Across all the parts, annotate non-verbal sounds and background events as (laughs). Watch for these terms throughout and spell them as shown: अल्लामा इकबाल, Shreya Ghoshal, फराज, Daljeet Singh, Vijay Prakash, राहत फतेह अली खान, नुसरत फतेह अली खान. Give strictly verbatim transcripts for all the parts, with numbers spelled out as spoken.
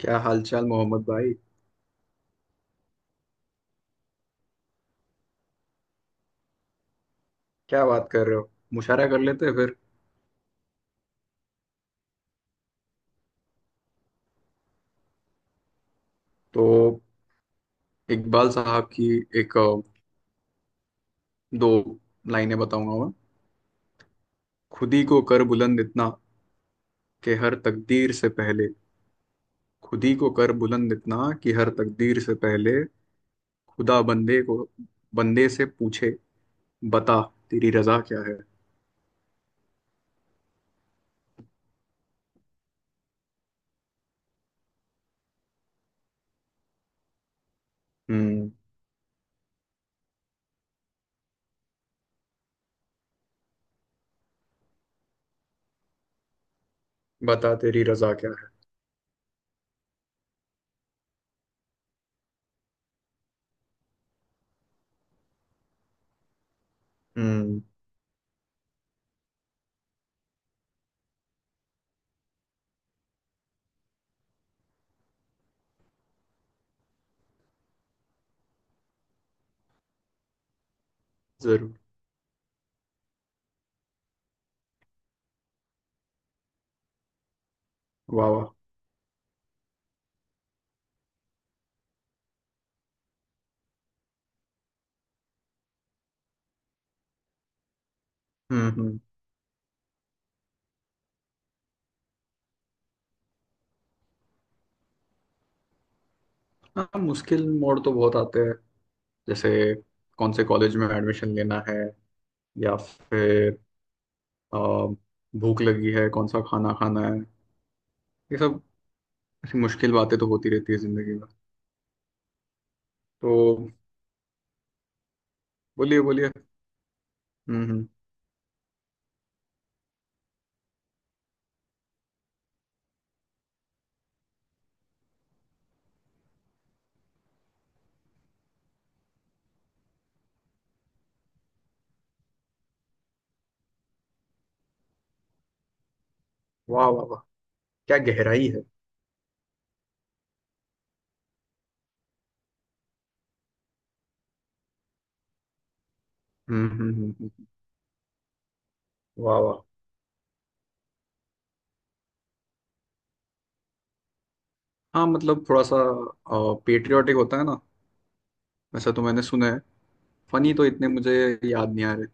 क्या हालचाल मोहम्मद भाई। क्या बात कर रहे हो। मुशायरा कर लेते हैं फिर। तो इकबाल साहब की एक अ, दो लाइनें बताऊंगा मैं। खुद ही को कर बुलंद इतना कि हर तकदीर से पहले, खुद ही को कर बुलंद इतना कि हर तकदीर से पहले खुदा बंदे को बंदे से पूछे बता तेरी रजा क्या है। हम्म। बता तेरी रजा क्या है। हम्म। जरूर। वाह वाह। हम्म हम्म। हाँ, मुश्किल मोड़ तो बहुत आते हैं। जैसे कौन से कॉलेज में एडमिशन लेना है, या फिर अ, भूख लगी है कौन सा खाना खाना है। ये सब ऐसी मुश्किल बातें तो होती रहती है जिंदगी में। तो बोलिए बोलिए। हम्म हम्म। वाह वाह वाह। क्या गहराई है। हम्म हम्म हम्म हम्म। वाह वाह। हाँ मतलब थोड़ा सा पेट्रियाटिक होता है ना, वैसा तो मैंने सुना है। फनी तो इतने मुझे याद नहीं आ रहे।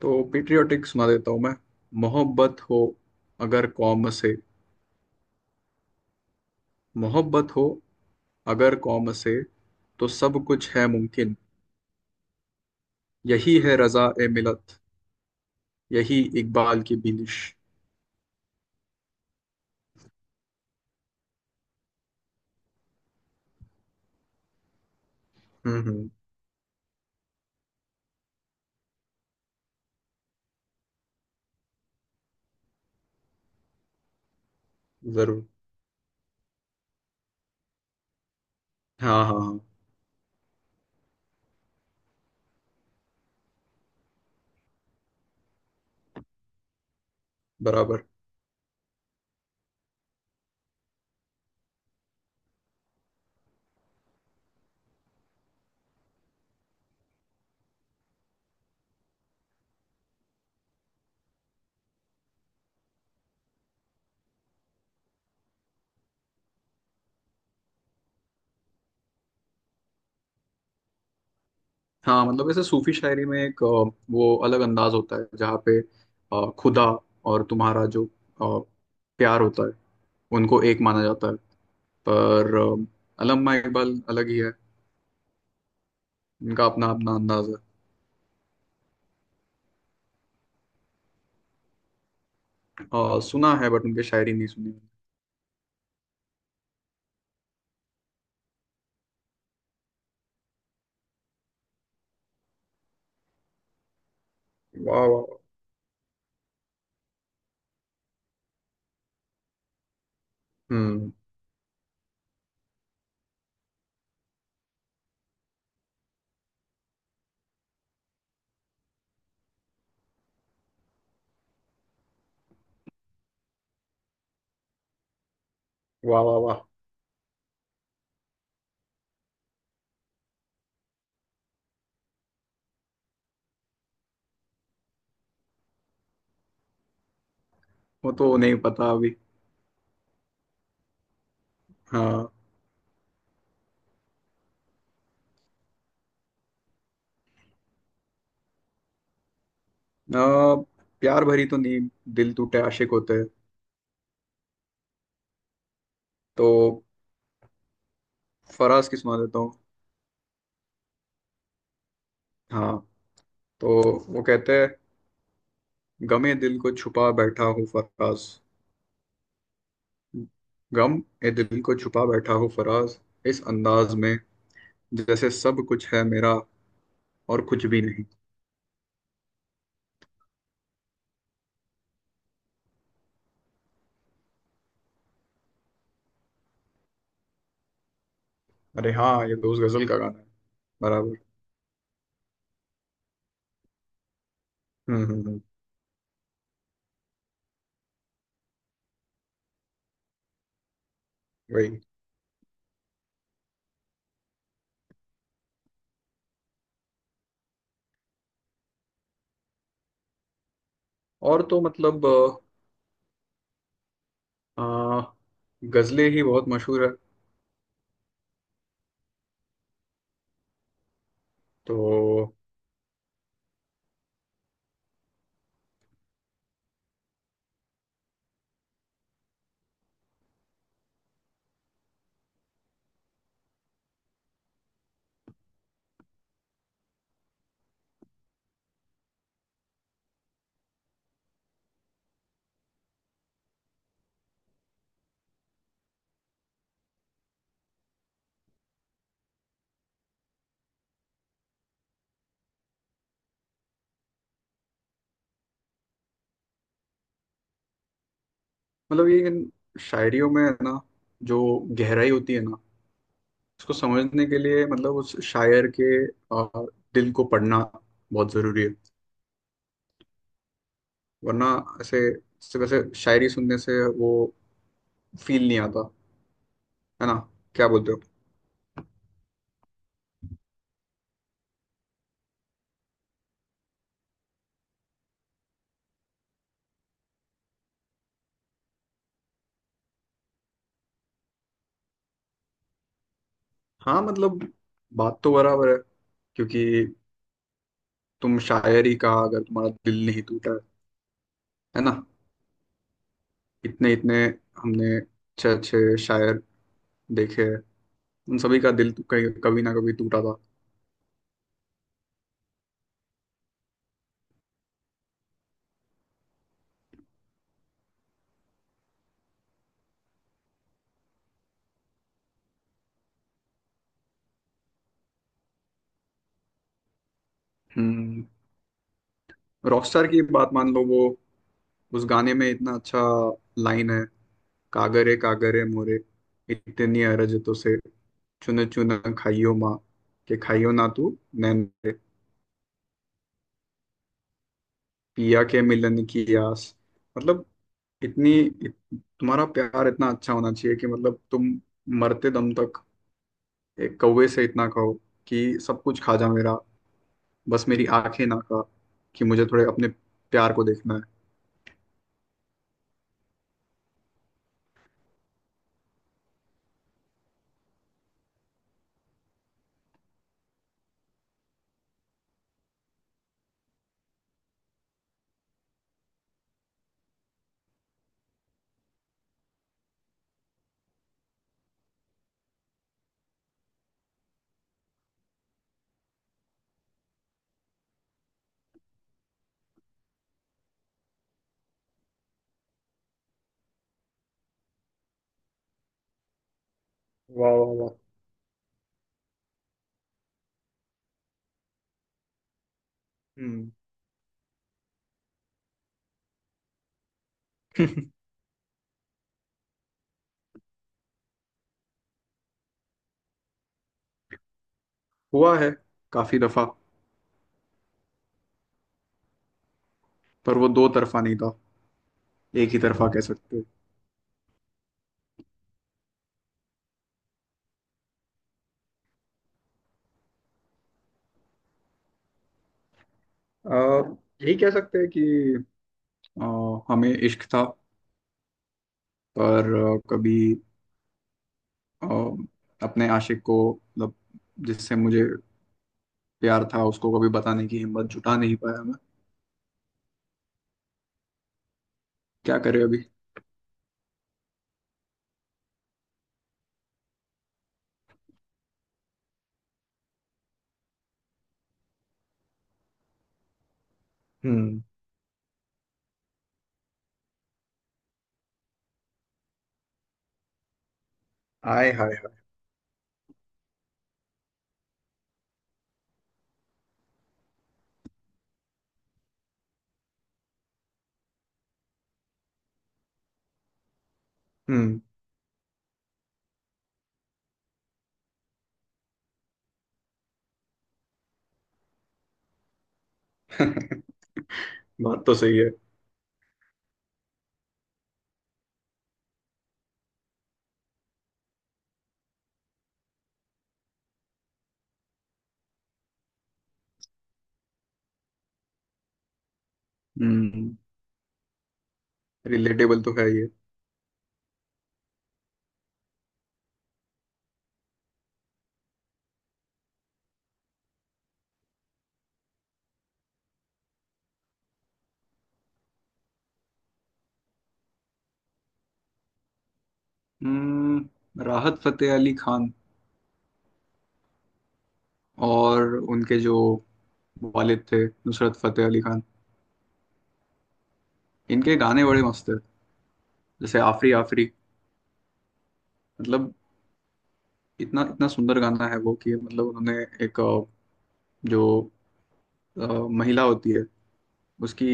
तो पेट्रियाटिक सुना देता हूँ मैं। मोहब्बत हो अगर कौम से, मोहब्बत हो अगर कौम से तो सब कुछ है मुमकिन। यही है रजा ए मिलत, यही इकबाल की बिंदिश। हम्म हम्म। जरूर। हाँ हाँ हाँ। बराबर। हाँ मतलब ऐसे सूफी शायरी में एक अ, वो अलग अंदाज होता है जहाँ पे अ, खुदा और तुम्हारा जो अ, प्यार होता है उनको एक माना जाता है। पर अ, अल्लामा इकबाल अलग ही है। उनका अपना अपना अंदाज है। अ, सुना है बट उनके शायरी नहीं सुनी। वाह वाह वाह। हम्म। वाह वाह वाह। वो तो नहीं पता अभी। हाँ अ, प्यार भरी तो नींद दिल टूटे आशिक होते हैं। तो फराज की सुना देता हूँ। हाँ, तो वो कहते हैं, गमे दिल को छुपा बैठा हूँ फराज, गम ए दिल को छुपा बैठा हूँ फराज, इस अंदाज में जैसे सब कुछ है मेरा और कुछ भी नहीं। अरे हाँ, ये तो उस गजल का गाना है। बराबर। हम्म हम्म हम्म। वही। और तो मतलब अ, अ, गजलें ही बहुत मशहूर है। तो मतलब ये इन शायरियों में है ना, जो गहराई होती है ना, उसको समझने के लिए मतलब उस शायर के आ, दिल को पढ़ना बहुत जरूरी है। वरना ऐसे सिर्फ ऐसे शायरी सुनने से वो फील नहीं आता। है ना, क्या बोलते हो। हाँ मतलब बात तो बराबर है क्योंकि तुम शायरी का अगर तुम्हारा दिल नहीं टूटा है है ना। इतने इतने हमने अच्छे अच्छे शायर देखे हैं, उन सभी का दिल तो कहीं- कभी ना कभी टूटा था। हम्म। रॉकस्टार की बात मान लो वो, उस गाने में इतना अच्छा लाइन है। कागरे कागरे मोरे इतनी अरज तो से, चुन चुन खाइयो माँ के खाइयो ना तू नैन रे, पिया के मिलन की आस। मतलब इतनी इत, तुम्हारा प्यार इतना अच्छा होना चाहिए कि मतलब तुम मरते दम तक एक कौवे से इतना कहो कि सब कुछ खा जा मेरा, बस मेरी आंखें ना खा, कि मुझे थोड़े अपने प्यार को देखना है। वाह वाह वाह। हम्म। (laughs) हुआ है, काफी दफा। पर वो दो तरफा नहीं था। एक ही तरफा कह सकते हो। अ, यही कह सकते हैं कि अ, हमें इश्क था पर अ, कभी अ, अपने आशिक को मतलब जिससे मुझे प्यार था उसको कभी बताने की हिम्मत जुटा नहीं पाया मैं। क्या करे अभी। हम्म। आय हाय हाय। हम्म। (laughs) बात तो सही है। हम्म। रिलेटेबल तो है ये। हम्म। राहत फतेह अली खान और उनके जो वालिद थे नुसरत फतेह अली खान, इनके गाने बड़े मस्त है। जैसे आफरी आफरी। मतलब इतना इतना सुंदर गाना है वो, कि मतलब उन्होंने एक अ, जो अ, महिला होती है उसकी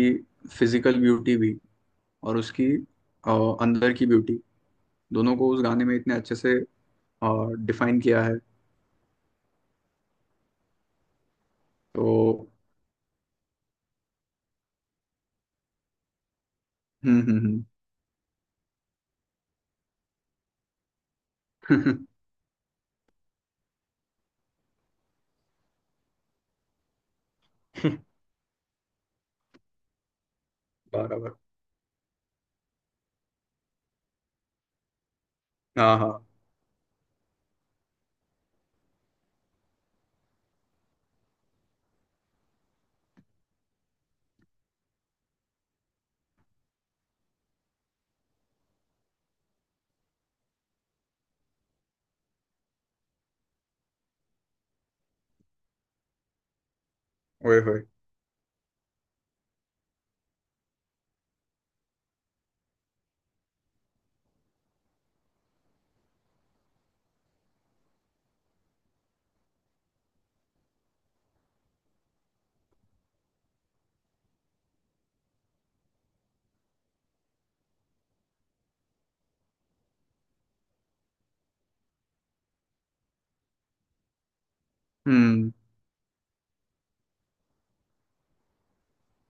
फिजिकल ब्यूटी भी और उसकी अ, अंदर की ब्यूटी दोनों को उस गाने में इतने अच्छे से डिफाइन किया है। तो हम्म हम्म हम्म। (laughs) बराबर। हाँ हाँ। ओए होए। हम्म।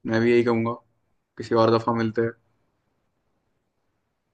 मैं भी यही कहूँगा, किसी और दफा मिलते हैं।